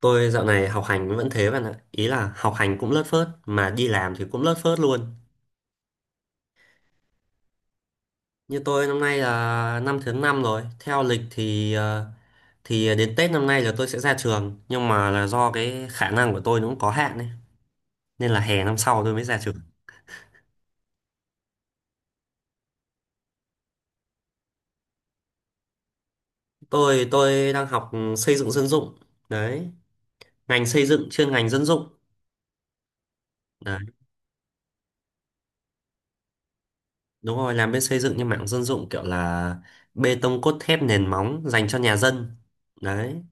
Tôi dạo này học hành vẫn thế bạn ạ. Ý là học hành cũng lất phớt, mà đi làm thì cũng lất phớt luôn. Như tôi năm nay là năm thứ năm rồi. Theo lịch thì thì đến Tết năm nay là tôi sẽ ra trường. Nhưng mà là do cái khả năng của tôi nó cũng có hạn ấy. Nên là hè năm sau tôi mới ra trường. Tôi đang học xây dựng dân dụng. Đấy, ngành xây dựng chuyên ngành dân dụng. Đấy, đúng rồi, làm bên xây dựng nhưng mảng dân dụng kiểu là bê tông cốt thép nền móng dành cho nhà dân. Đấy,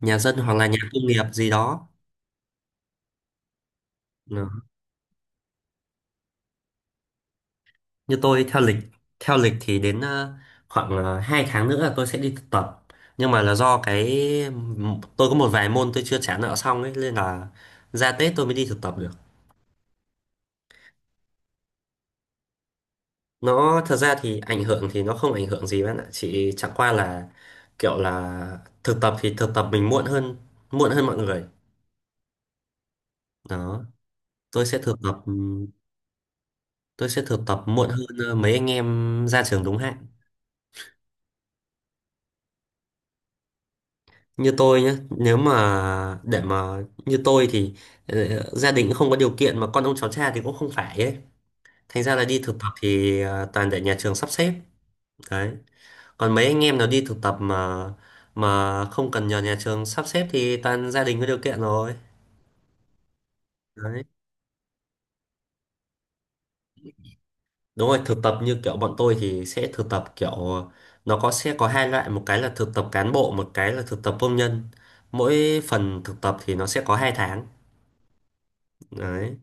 nhà dân hoặc là nhà công nghiệp gì đó. Ờ, như tôi theo lịch thì đến khoảng 2 tháng nữa là tôi sẽ đi thực tập, nhưng mà là do cái tôi có một vài môn tôi chưa trả nợ xong ấy, nên là ra Tết tôi mới đi thực tập được. Nó thật ra thì ảnh hưởng thì nó không ảnh hưởng gì bạn ạ, chỉ chẳng qua là kiểu là thực tập thì thực tập mình muộn hơn mọi người đó. Tôi sẽ thực tập tôi sẽ thực tập muộn hơn mấy anh em ra trường đúng hạn. Như tôi nhé, nếu mà để mà như tôi thì gia đình cũng không có điều kiện mà con ông cháu cha thì cũng không phải ấy, thành ra là đi thực tập thì toàn để nhà trường sắp xếp. Đấy, còn mấy anh em nào đi thực tập mà không cần nhờ nhà trường sắp xếp thì toàn gia đình có điều kiện rồi. Đấy, đúng rồi, thực tập như kiểu bọn tôi thì sẽ thực tập kiểu, nó sẽ có hai loại, một cái là thực tập cán bộ, một cái là thực tập công nhân. Mỗi phần thực tập thì nó sẽ có 2 tháng. Đấy.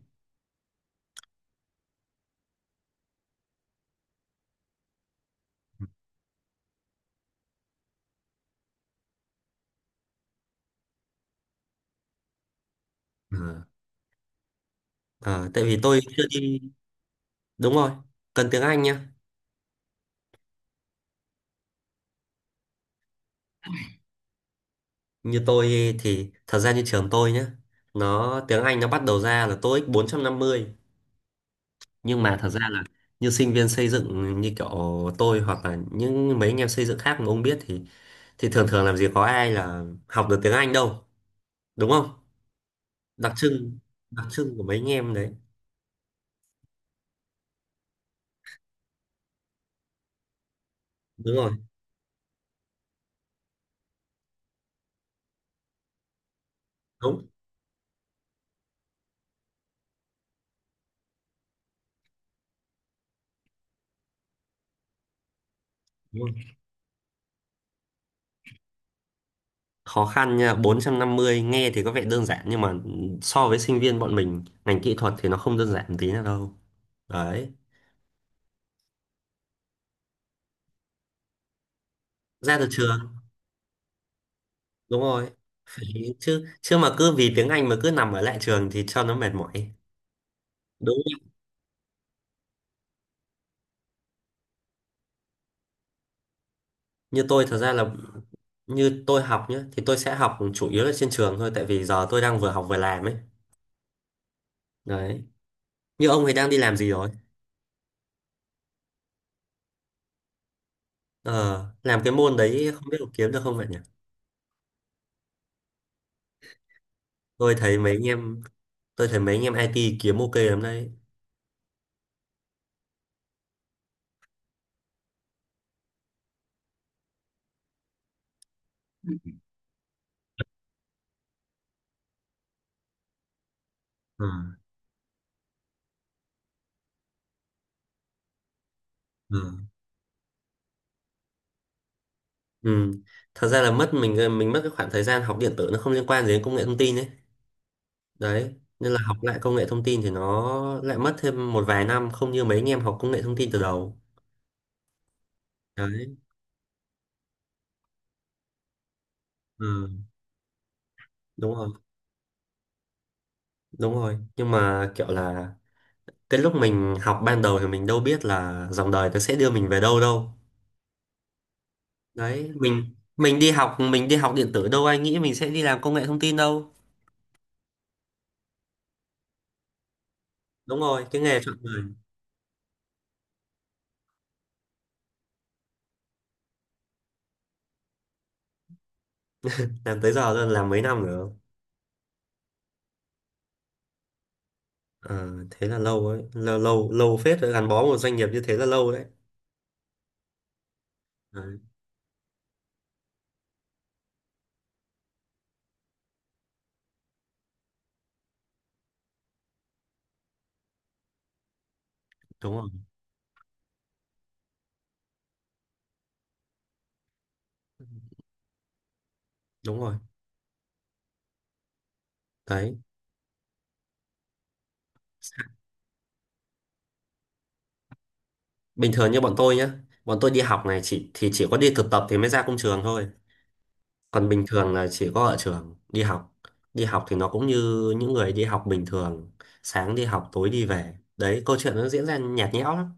Ờ. Ờ, tại vì tôi chưa đi. Đúng rồi, cần tiếng Anh nhá. Như tôi thì thật ra như trường tôi nhá, nó tiếng Anh nó bắt đầu ra là tô íc 450, nhưng mà thật ra là như sinh viên xây dựng như kiểu tôi hoặc là những mấy anh em xây dựng khác mà ông biết thì thường thường làm gì có ai là học được tiếng Anh đâu, đúng không? Đặc trưng, đặc trưng của mấy anh em đấy. Đúng rồi, đúng, đúng rồi. Khó khăn nha, 450 nghe thì có vẻ đơn giản, nhưng mà so với sinh viên bọn mình ngành kỹ thuật thì nó không đơn giản một tí nào đâu. Đấy. Ra từ chưa? Đúng rồi. Đấy, chứ chứ mà cứ vì tiếng Anh mà cứ nằm ở lại trường thì cho nó mệt mỏi. Đúng. Như tôi thật ra là như tôi học nhá thì tôi sẽ học chủ yếu là trên trường thôi, tại vì giờ tôi đang vừa học vừa làm ấy. Đấy, như ông thì đang đi làm gì rồi? Ờ, làm cái môn đấy không biết có kiếm được không vậy nhỉ. Tôi thấy mấy anh em tôi thấy mấy anh em IT kiếm ok lắm đấy. Ừ. Ừ. Ừ. Thật ra là mất mình mất cái khoảng thời gian học điện tử, nó không liên quan gì đến công nghệ thông tin ấy. Đấy, nên là học lại công nghệ thông tin thì nó lại mất thêm một vài năm, không như mấy anh em học công nghệ thông tin từ đầu. Đấy. Ừ, đúng rồi. Đúng rồi, nhưng mà kiểu là cái lúc mình học ban đầu thì mình đâu biết là dòng đời nó sẽ đưa mình về đâu đâu. Đấy, mình đi học điện tử, đâu ai nghĩ mình sẽ đi làm công nghệ thông tin đâu. Đúng rồi, cái nghề chọn đời. Làm tới giờ rồi, làm mấy năm nữa. Ờ, thế là lâu ấy, lâu lâu lâu phết rồi, gắn bó một doanh nghiệp như thế là lâu đấy. Đấy. Đúng rồi. Đúng rồi. Đấy. Bình thường như bọn tôi nhá, bọn tôi đi học này chỉ có đi thực tập thì mới ra công trường thôi, còn bình thường là chỉ có ở trường đi học. Đi học thì nó cũng như những người đi học bình thường, sáng đi học tối đi về. Đấy, câu chuyện nó diễn ra nhạt nhẽo lắm.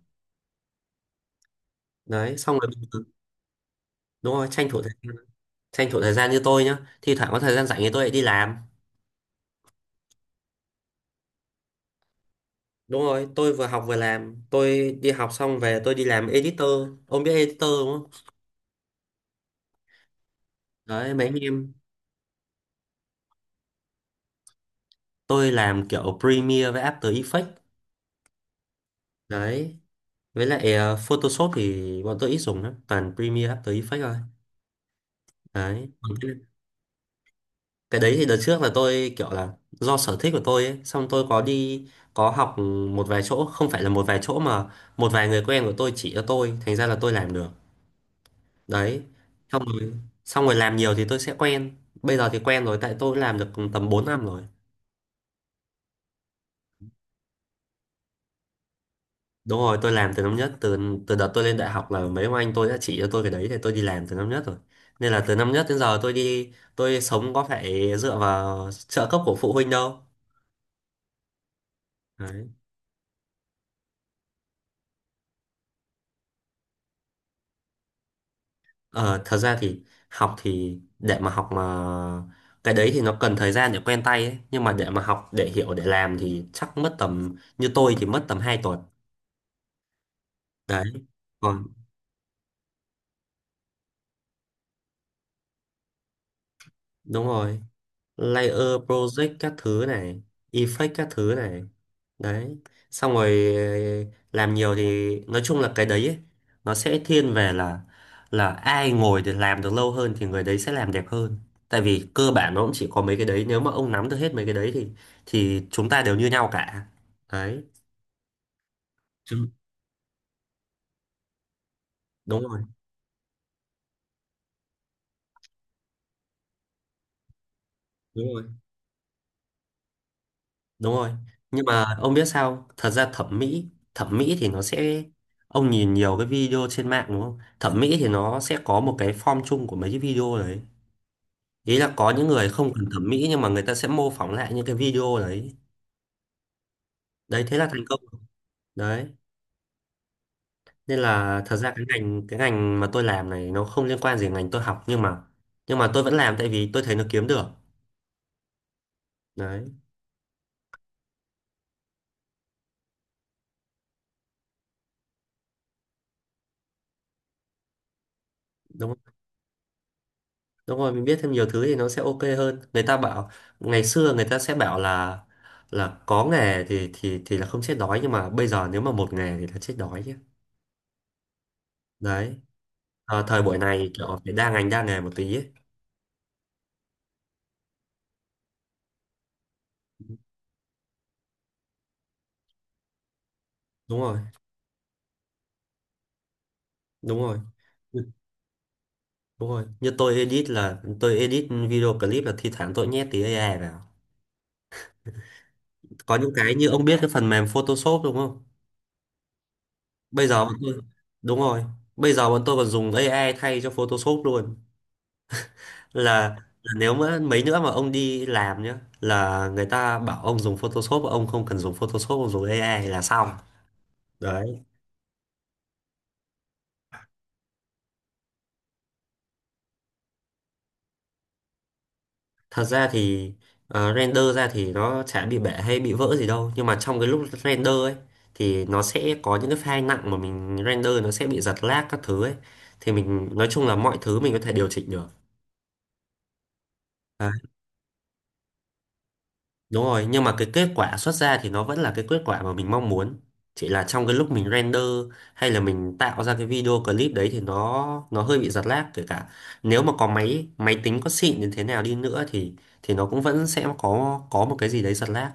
Đấy, xong rồi bình thường-. Đúng rồi, Tranh thủ thời gian như tôi nhá, thi thoảng có thời gian rảnh thì tôi lại đi làm. Đúng rồi, tôi vừa học vừa làm, tôi đi học xong về tôi đi làm editor, ông biết editor đúng không? Đấy, mấy anh em tôi làm kiểu Premiere với After Effects. Đấy. Với lại Photoshop thì bọn tôi ít dùng lắm, toàn Premiere After Effects thôi. Đấy. Còn cái đấy thì đợt trước là tôi kiểu là do sở thích của tôi ấy, xong tôi có đi có học một vài chỗ, không phải là một vài chỗ mà một vài người quen của tôi chỉ cho tôi, thành ra là tôi làm được. Đấy. Xong rồi xong rồi làm nhiều thì tôi sẽ quen. Bây giờ thì quen rồi, tại tôi làm được tầm 4 năm rồi. Đúng rồi, tôi làm từ năm nhất, từ từ đợt tôi lên đại học là mấy ông anh tôi đã chỉ cho tôi cái đấy thì tôi đi làm từ năm nhất rồi. Nên là từ năm nhất đến giờ tôi sống có phải dựa vào trợ cấp của phụ huynh đâu. Đấy. Ờ, thật ra thì học thì để mà học mà cái đấy thì nó cần thời gian để quen tay ấy. Nhưng mà để mà học để hiểu để làm thì chắc mất tầm, như tôi thì mất tầm 2 tuần. Đấy. Còn đúng rồi, layer project các thứ này, effect các thứ này. Đấy, xong rồi làm nhiều thì nói chung là cái đấy ấy, nó sẽ thiên về là ai ngồi để làm được lâu hơn thì người đấy sẽ làm đẹp hơn, tại vì cơ bản nó cũng chỉ có mấy cái đấy, nếu mà ông nắm được hết mấy cái đấy thì chúng ta đều như nhau cả. Đấy. Chứ- Đúng rồi. Đúng rồi. Đúng rồi, nhưng mà ông biết sao không? Thật ra thẩm mỹ thì nó sẽ, ông nhìn nhiều cái video trên mạng đúng không, thẩm mỹ thì nó sẽ có một cái form chung của mấy cái video đấy. Ý là có những người không cần thẩm mỹ nhưng mà người ta sẽ mô phỏng lại những cái video đấy. Đấy, thế là thành công. Đấy, nên là thật ra cái ngành mà tôi làm này nó không liên quan gì ngành tôi học, nhưng mà tôi vẫn làm tại vì tôi thấy nó kiếm được. Đấy. Đúng rồi, đúng rồi mình biết thêm nhiều thứ thì nó sẽ ok hơn. Người ta bảo ngày xưa người ta sẽ bảo là có nghề thì là không chết đói, nhưng mà bây giờ nếu mà một nghề thì là chết đói chứ. Đấy. Ờ, thời buổi này kiểu phải đa ngành đa nghề một tí ấy. Đúng rồi. Đúng rồi. Đúng rồi, như tôi edit là tôi edit video clip là thi thoảng tôi nhét tí AI vào. Có những cái như ông biết cái phần mềm Photoshop đúng không? Bây giờ bọn tôi. Đúng rồi. Bây giờ bọn tôi còn dùng AI thay cho Photoshop luôn. Là, là nếu mà mấy nữa mà ông đi làm nhá, là người ta bảo ông dùng Photoshop, ông không cần dùng Photoshop, ông dùng AI là xong. Đấy. Thật ra thì render ra thì nó chả bị bể hay bị vỡ gì đâu, nhưng mà trong cái lúc render ấy thì nó sẽ có những cái file nặng mà mình render nó sẽ bị giật lag các thứ ấy, thì mình nói chung là mọi thứ mình có thể điều chỉnh được. À, đúng rồi, nhưng mà cái kết quả xuất ra thì nó vẫn là cái kết quả mà mình mong muốn, chỉ là trong cái lúc mình render hay là mình tạo ra cái video clip đấy thì nó hơi bị giật lag, kể cả nếu mà có máy máy tính có xịn đến thế nào đi nữa thì nó cũng vẫn sẽ có một cái gì đấy giật lag.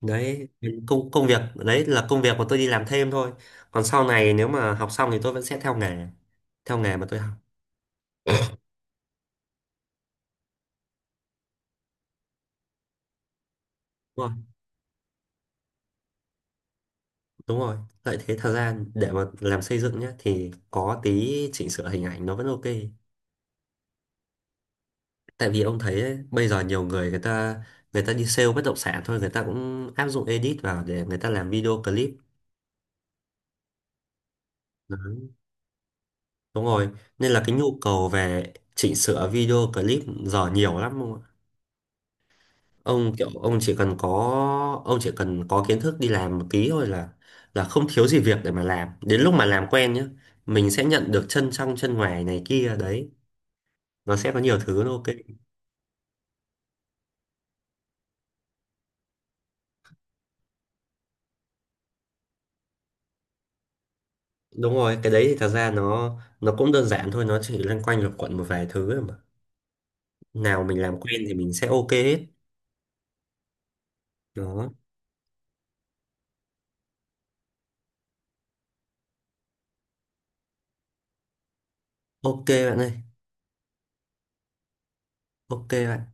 Đấy. Công công việc đấy là công việc mà tôi đi làm thêm thôi, còn sau này nếu mà học xong thì tôi vẫn sẽ theo nghề mà tôi học. Đúng rồi. Đúng rồi, lợi thế thời gian để mà làm xây dựng nhé thì có tí chỉnh sửa hình ảnh nó vẫn ok. Tại vì ông thấy ấy, bây giờ nhiều người, người ta đi sale bất động sản thôi, người ta cũng áp dụng edit vào để người ta làm video clip. Đấy, đúng rồi, nên là cái nhu cầu về chỉnh sửa video clip giờ nhiều lắm. Ông kiểu ông chỉ cần có kiến thức đi làm một tí thôi là không thiếu gì việc để mà làm. Đến lúc mà làm quen nhá mình sẽ nhận được chân trong chân ngoài này kia. Đấy, nó sẽ có nhiều thứ nó ok. Đúng rồi, cái đấy thì thật ra nó cũng đơn giản thôi, nó chỉ loanh quanh lục quận một vài thứ thôi mà, nào mình làm quen thì mình sẽ ok hết. Đó, ok bạn ơi. Ok bạn.